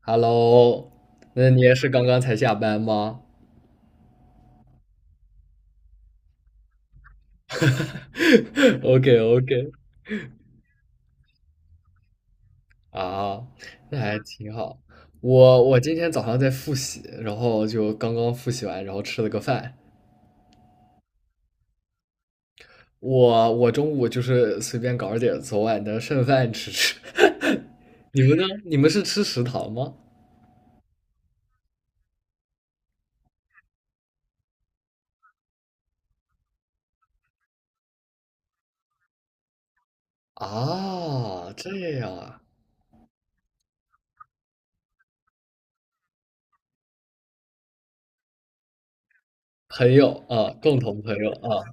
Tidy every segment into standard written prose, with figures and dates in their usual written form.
Hello，那你也是刚刚才下班吗 ？OK OK，啊，那还挺好。我今天早上在复习，然后就刚刚复习完，然后吃了个饭。我中午就是随便搞了点昨晚的剩饭吃吃。你们呢？你们是吃食堂吗？啊，这样啊，朋友啊，共同朋友啊，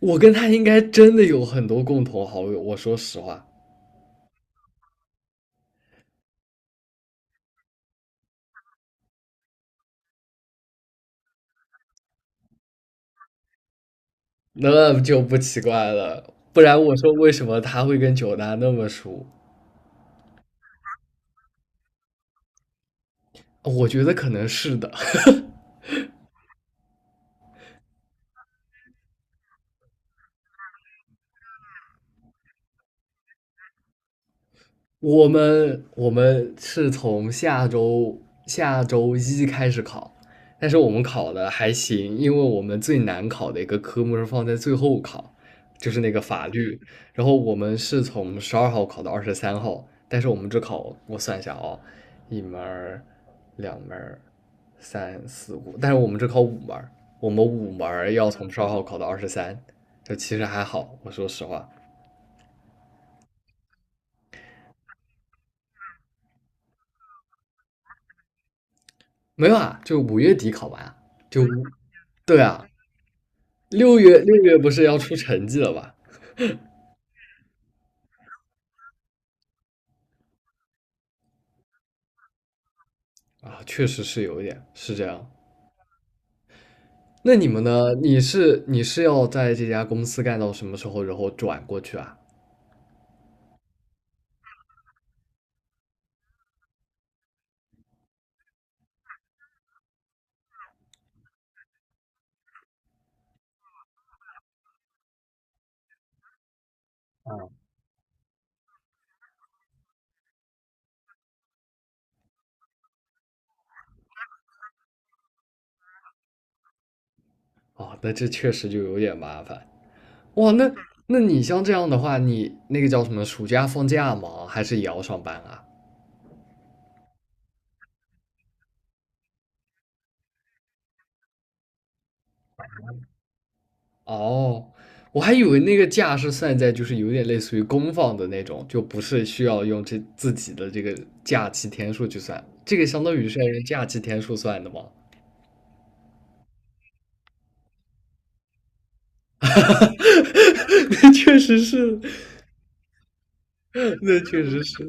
我跟他应该真的有很多共同好友。我说实话。那就不奇怪了，不然我说为什么他会跟九大那么熟？我觉得可能是的。我们是从下周一开始考，但是我们考的还行，因为我们最难考的一个科目是放在最后考，就是那个法律。然后我们是从十二号考到23号，但是我们只考，我算一下啊、一门儿两门儿三四五，但是我们只考五门儿，我们五门儿要从十二号考到二十三，就其实还好，我说实话。没有啊，就5月底考完啊，就对啊，六月不是要出成绩了吧？啊，确实是有一点是这样。那你们呢？你是要在这家公司干到什么时候，然后转过去啊？哦，那这确实就有点麻烦。哇，那你像这样的话，你那个叫什么，暑假放假吗？还是也要上班啊？哦，我还以为那个假是算在就是有点类似于公放的那种，就不是需要用这自己的这个假期天数去算，这个相当于是要用假期天数算的吗？那确实是，那确实是，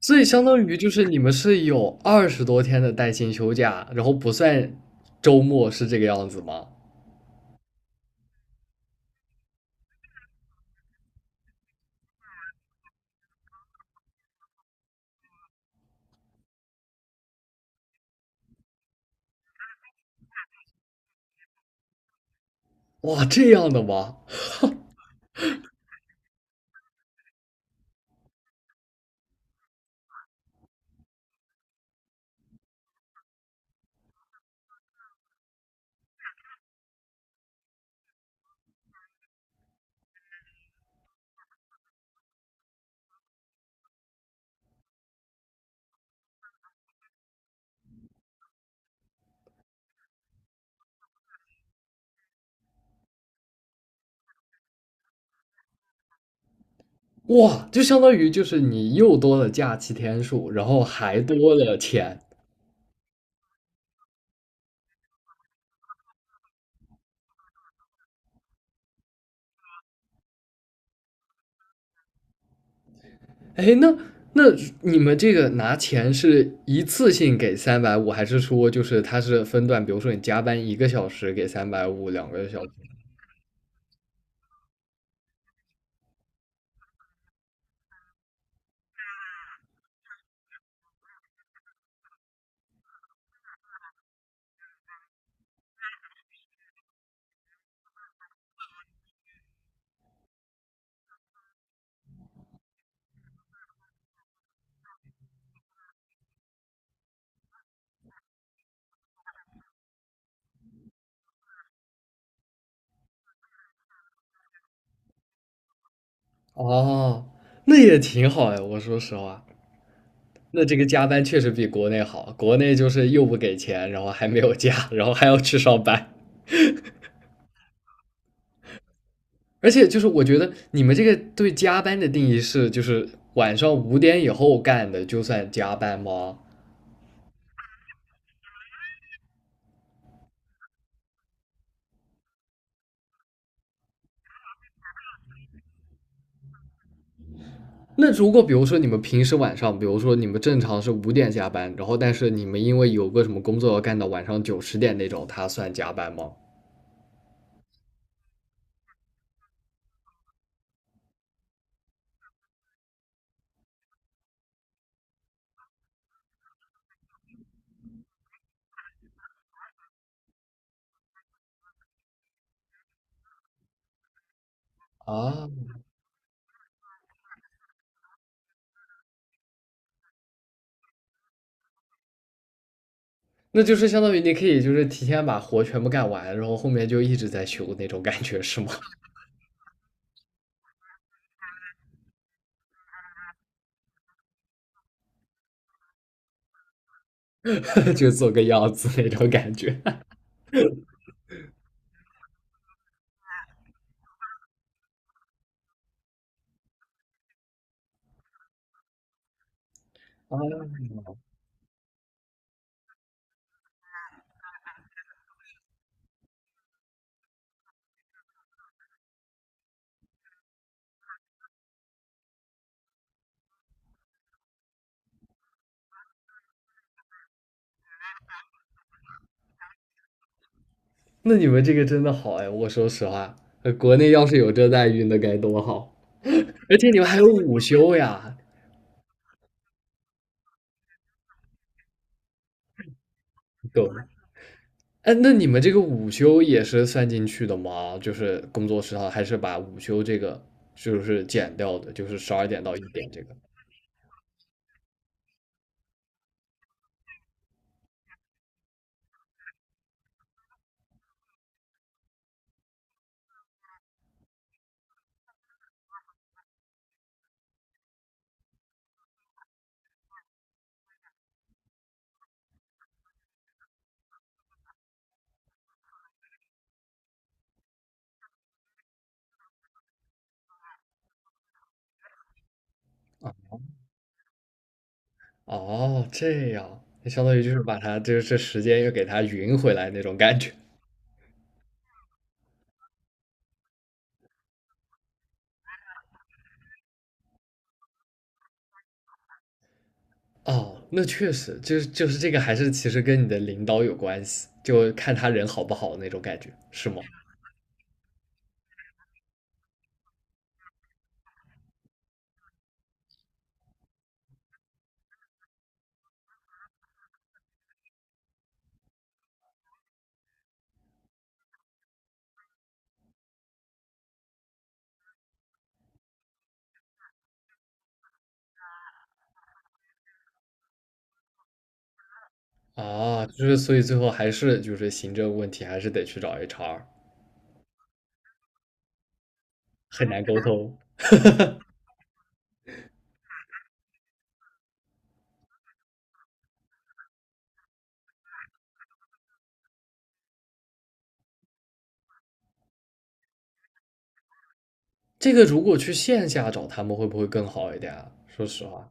所以相当于就是你们是有20多天的带薪休假，然后不算周末，是这个样子吗？哇，这样的吗？哇，就相当于就是你又多了假期天数，然后还多了钱。哎，那你们这个拿钱是一次性给三百五，还是说就是他是分段？比如说你加班一个小时给三百五，2个小时。哦，那也挺好呀。我说实话，那这个加班确实比国内好。国内就是又不给钱，然后还没有假，然后还要去上班。而且就是我觉得你们这个对加班的定义是，就是晚上五点以后干的就算加班吗？那如果比如说你们平时晚上，比如说你们正常是五点下班，然后但是你们因为有个什么工作要干到晚上9、10点那种，它算加班吗？啊，那就是相当于你可以就是提前把活全部干完，然后后面就一直在休那种感觉是吗？就做个样子那种感觉。啊，那你们这个真的好哎，我说实话，国内要是有这待遇，那该多好！而且你们还有午休呀，懂吗？哎，那你们这个午休也是算进去的吗？就是工作时长，还是把午休这个就是减掉的，就是12点到一点这个？哦，这样，那相当于就是把它这时间又给它匀回来那种感觉。哦，那确实，就是这个还是其实跟你的领导有关系，就看他人好不好那种感觉，是吗？啊，就是所以最后还是就是行政问题，还是得去找 HR,很难沟通。这个如果去线下找他们会不会更好一点啊？说实话。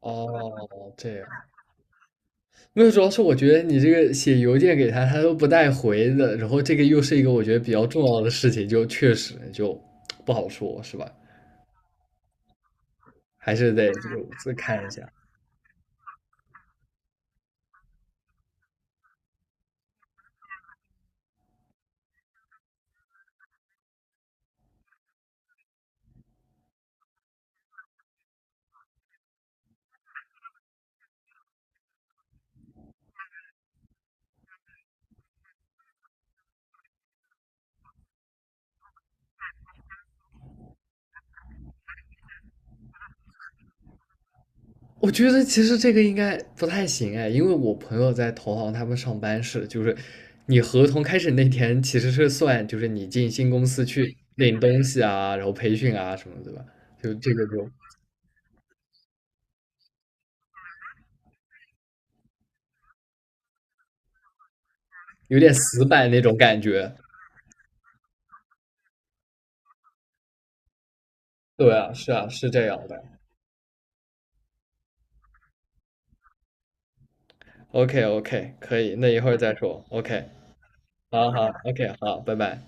哦，这样，没有，主要是我觉得你这个写邮件给他，他都不带回的，然后这个又是一个我觉得比较重要的事情，就确实就不好说，是吧？还是得这个再看一下。我觉得其实这个应该不太行哎，因为我朋友在投行，他们上班是就是你合同开始那天其实是算就是你进新公司去领东西啊，然后培训啊什么，对吧？就这个就有点死板那种感觉。对啊，是啊，是这样的。OK OK,可以，那一会儿再说。OK,好好，OK,好，拜拜。